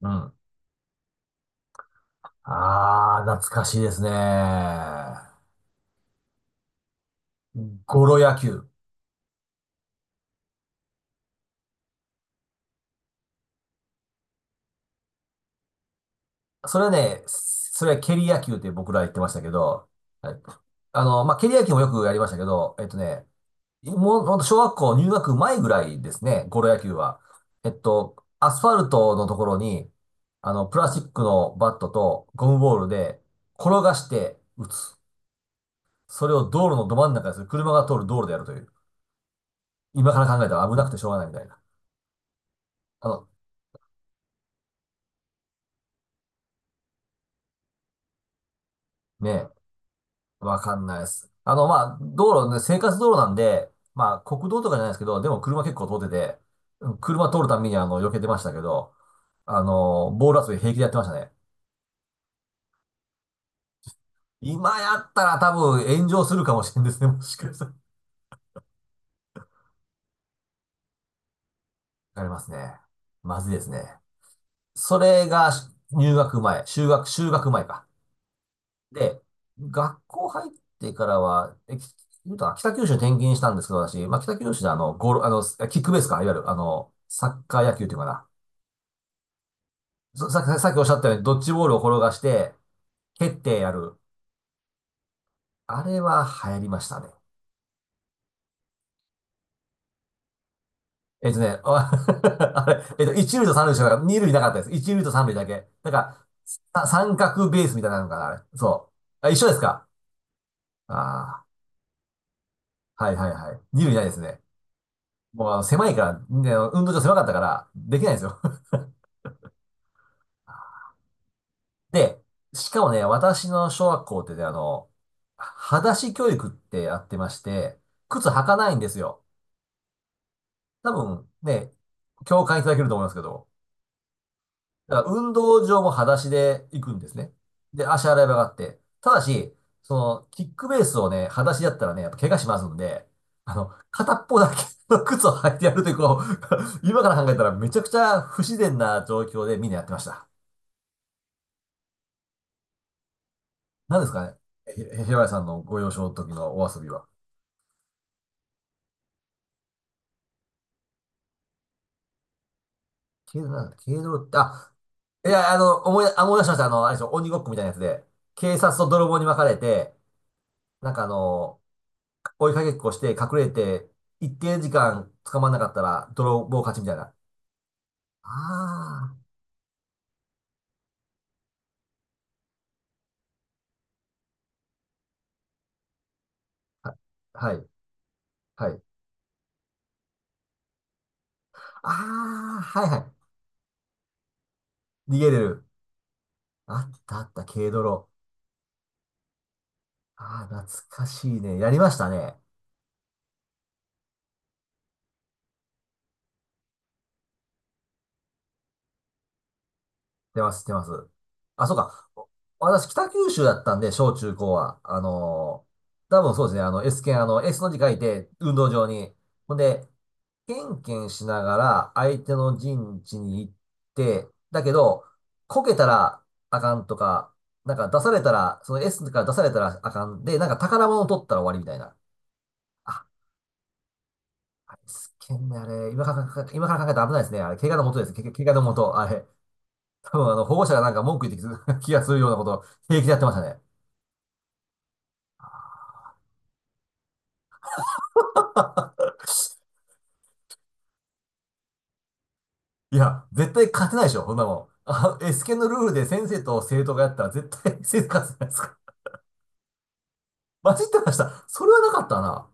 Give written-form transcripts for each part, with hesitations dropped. うん。懐かしいですね。ゴロ野球。それは蹴り野球って僕ら言ってましたけど、はい、蹴り野球もよくやりましたけど、もうほんと小学校入学前ぐらいですね、ゴロ野球は。アスファルトのところに、プラスチックのバットとゴムボールで転がして打つ。それを道路のど真ん中でする。車が通る道路でやるという。今から考えたら危なくてしょうがないみたいな。あの、ねえわかんないです。道路ね、生活道路なんで、まあ、国道とかじゃないですけど、でも車結構通ってて、うん、車通るたびに避けてましたけど、ボール遊び平気でやってましたね。今やったら多分炎上するかもしれんですね、もしかしたら。わかりますね。まずいですね。それが入学前、修学前か。で、学校入ってからは、言うたら北九州転勤したんですけど、私、まあ、北九州であの、ゴール、あの、キックベースか、いわゆる、あの、サッカー野球っていうかな。そさっき、さっきおっしゃったように、ドッジボールを転がして、蹴ってやる。あれは流行りましたね。えっとね、あ あれ、えっと、一塁と三塁しかなかった、二塁なかったです。一塁と三塁だけ。なんか、三角ベースみたいなのかな、あれ。そう。あ、一緒ですか？ああー、はいはいはい。二塁ないですね。もうあの狭いから、ね、運動場狭かったから、できないんですよ。で、しかもね、私の小学校ってね、あの、裸足教育ってやってまして、靴履かないんですよ。多分ね、共感いただけると思いますけど、だから運動場も裸足で行くんですね。で、足洗い場があって。ただし、その、キックベースをね、裸足だったらね、やっぱ怪我しますんで、あの、片っぽだけ の靴を履いてやるという、こう、今から考えたらめちゃくちゃ不自然な状況でみんなやってました。何ですかね。平林さんのご幼少の時のお遊びは。軽泥なんだ、軽泥って、あ、思い出しました。あの、あれでしょ、鬼ごっこみたいなやつで、警察と泥棒に分かれて、なんかあの、追いかけっこして隠れて、一定時間捕まんなかったら泥棒勝ちみたいな。ああ、は、はい、はい。ああ、はいはい。逃げれる。あったあった、軽泥。ああ、懐かしいね。やりましたね。出ます、出ます。あ、そうか。私、北九州だったんで、小中高は。あのー多分そうですね。あの、S 剣、あの、S の字書いて、運動場に。ほんで、ケンケンしながら、相手の陣地に行って、だけど、こけたらあかんとか、なんか出されたら、その S から出されたらあかんで、なんか宝物を取ったら終わりみたいな。あ、S 剣ね、あれ、今から今から考えたら危ないですね。あれ、怪我のもとです。怪我のもと、あれ。多分あの、保護者がなんか文句言ってき 気がするようなことを平気でやってましたね。いや、絶対勝てないでしょ、こんなもん。あの、S ケのルールで先生と生徒がやったら絶対先生勝つじゃないですか。混じってました。それはなかったな。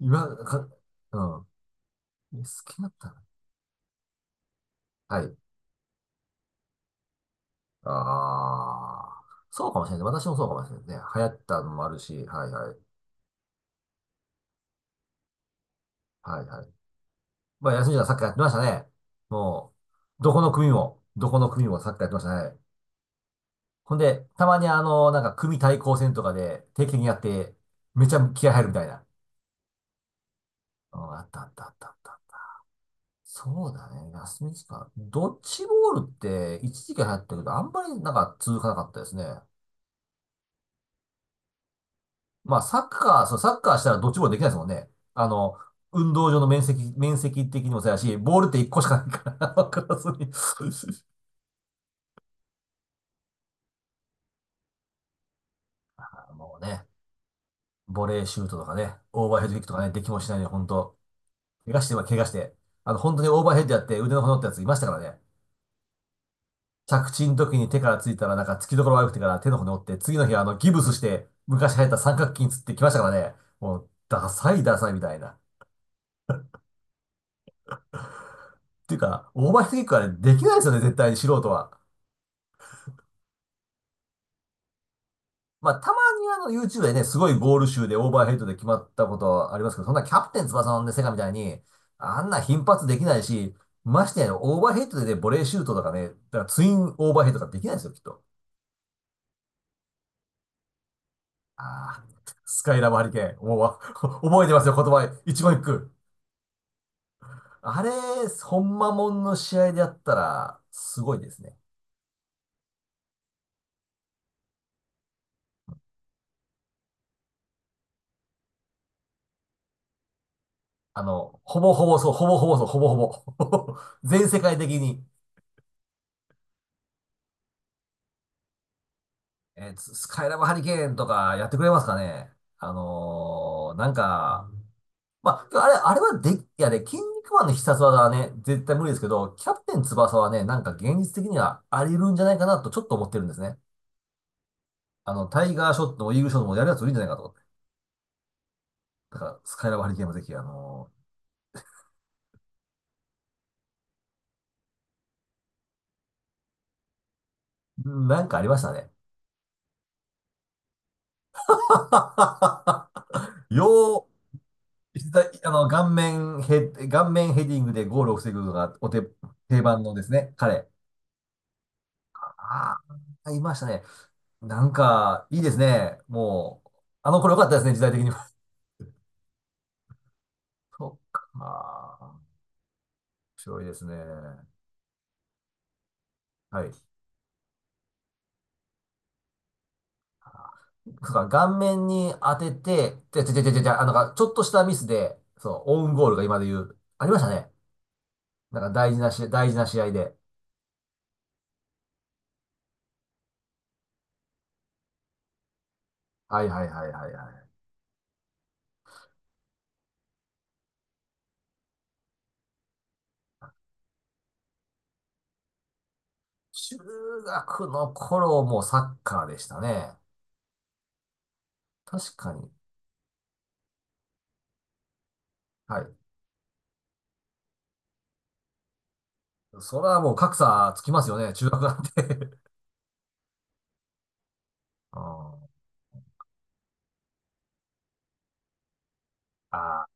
今、か、うん。S ケだったな。はい。ああ、そうかもしれない。私もそうかもしれないね。流行ったのもあるし、はいはい。はいはい。まあ、休みじゃサッカーやってましたね。もう、どこの組も、どこの組もサッカーやってましたね。ほんで、たまにあの、なんか組対抗戦とかで定期的にやって、めちゃ気合入るみたいな。うん、あったあったあったあった。そうだね。休み時間。ドッジボールって一時期流行ったけど、あんまりなんか続かなかったですね。まあサッカー、そう、サッカーしたらドッジボールできないですもんね。あの、運動場の面積、面積的にもそうやし、ボールって一個しかないから、わからずに。あもうね、ボレーシュートとかね、オーバーヘッドキックとかね、できもしないで、ほんと。怪我して、怪我して、あの、本当にオーバーヘッドやって腕の骨折ったやついましたからね。着地の時に手からついたら、なんか突きどころ悪くてから手の骨折って、次の日あの、ギブスして、昔流行った三角筋つってきましたからね。もう、ダサいダサいみたいな。っていうか、オーバーヘッドキックはね、できないですよね、絶対に素人は。まあ、たまにあの、YouTube でね、すごいゴール集でオーバーヘッドで決まったことはありますけど、そんなキャプテン翼のね、セガみたいに、あんな頻発できないし、ましてや、オーバーヘッドでね、ボレーシュートとかね、だからツインオーバーヘッドとかできないですよ、きっと。ああ、スカイラブハリケーン。もうわ、覚えてますよ、言葉。一言一句。あれ、本間まもんの試合でやったら、すごいですね。あの、ほぼほぼ。全世界的に、スカイラブハリケーンとかやってくれますかね。あのーなんか、まあ、あれ、あれはで、いやね、筋肉マンの必殺技はね、絶対無理ですけど、キャプテン翼はね、なんか現実的にはあり得るんじゃないかなとちょっと思ってるんですね。あの、タイガーショットもイーグルショットもやるやついるんじゃないかと。だから、スカイラブハリケーンもぜひ、あのー、なんかありましたね。よう、あの、顔面ヘディングでゴールを防ぐのがお手、定番のですね、彼。ああ、いましたね。なんか、いいですね。もう、あの頃良かったですね、時代的にも。そっか、面白いですね。はい。そうか、顔面に当てて、あの、なんか、ちょっとしたミスで、そう、オウンゴールが今で言う、ありましたね。大事な試合で。はいはいはいはいはい。中学の頃もサッカーでしたね。確かに。はい。それはもう格差つきますよね、中学なんて うん。あ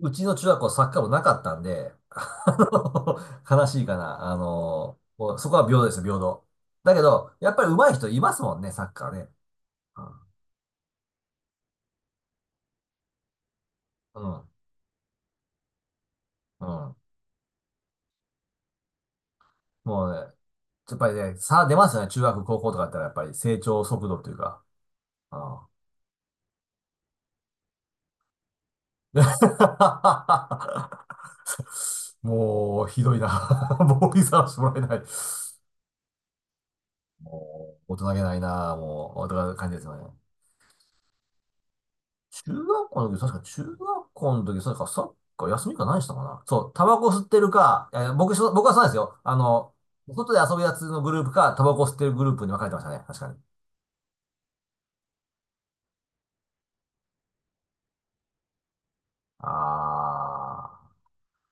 ー、うちの中学校サッカー部なかったんで、あの悲しいかな。あの、もうそこは平等ですよ、平等。だけど、やっぱり上手い人いますもんね、サッカーね。うん。うん。うん、もうね、やっぱりね、差出ますよね、中学、高校とかだったら、やっぱり成長速度というか。うん もう、ひどいな。ボーイさらしてもらえない。もう、大人げないな。もう、大人感じですよね。中学校の時、そうか、サッカー休みか何したかな。そう、タバコ吸ってるか、僕はそうなんですよ。あの、外で遊ぶやつのグループか、タバコ吸ってるグループに分かれてましたね。確かに。あー。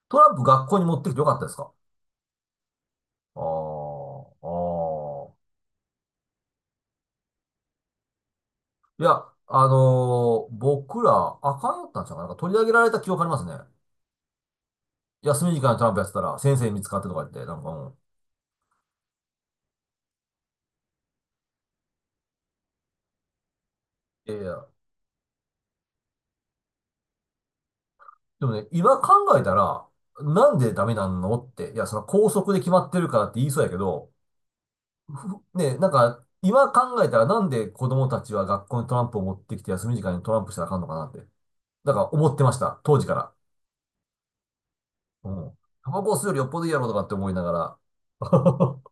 トランプ学校に持ってきてよかったですか？あー、あー。いや、あのー僕ら、あかんやったんちゃうかな。なんか取り上げられた記憶ありますね。休み時間にトランプやってたら、先生に見つかってとか言って、なんかもう、いやいや、でもね、今考えたら、なんでダメなんのって、いや、その校則で決まってるからって言いそうやけど、ね、なんか、今考えたらなんで子供たちは学校にトランプを持ってきて休み時間にトランプしたらあかんのかなって、なんか思ってました。当時から。うん。タバコ吸うよりよっぽどいいやろとかって思いながら。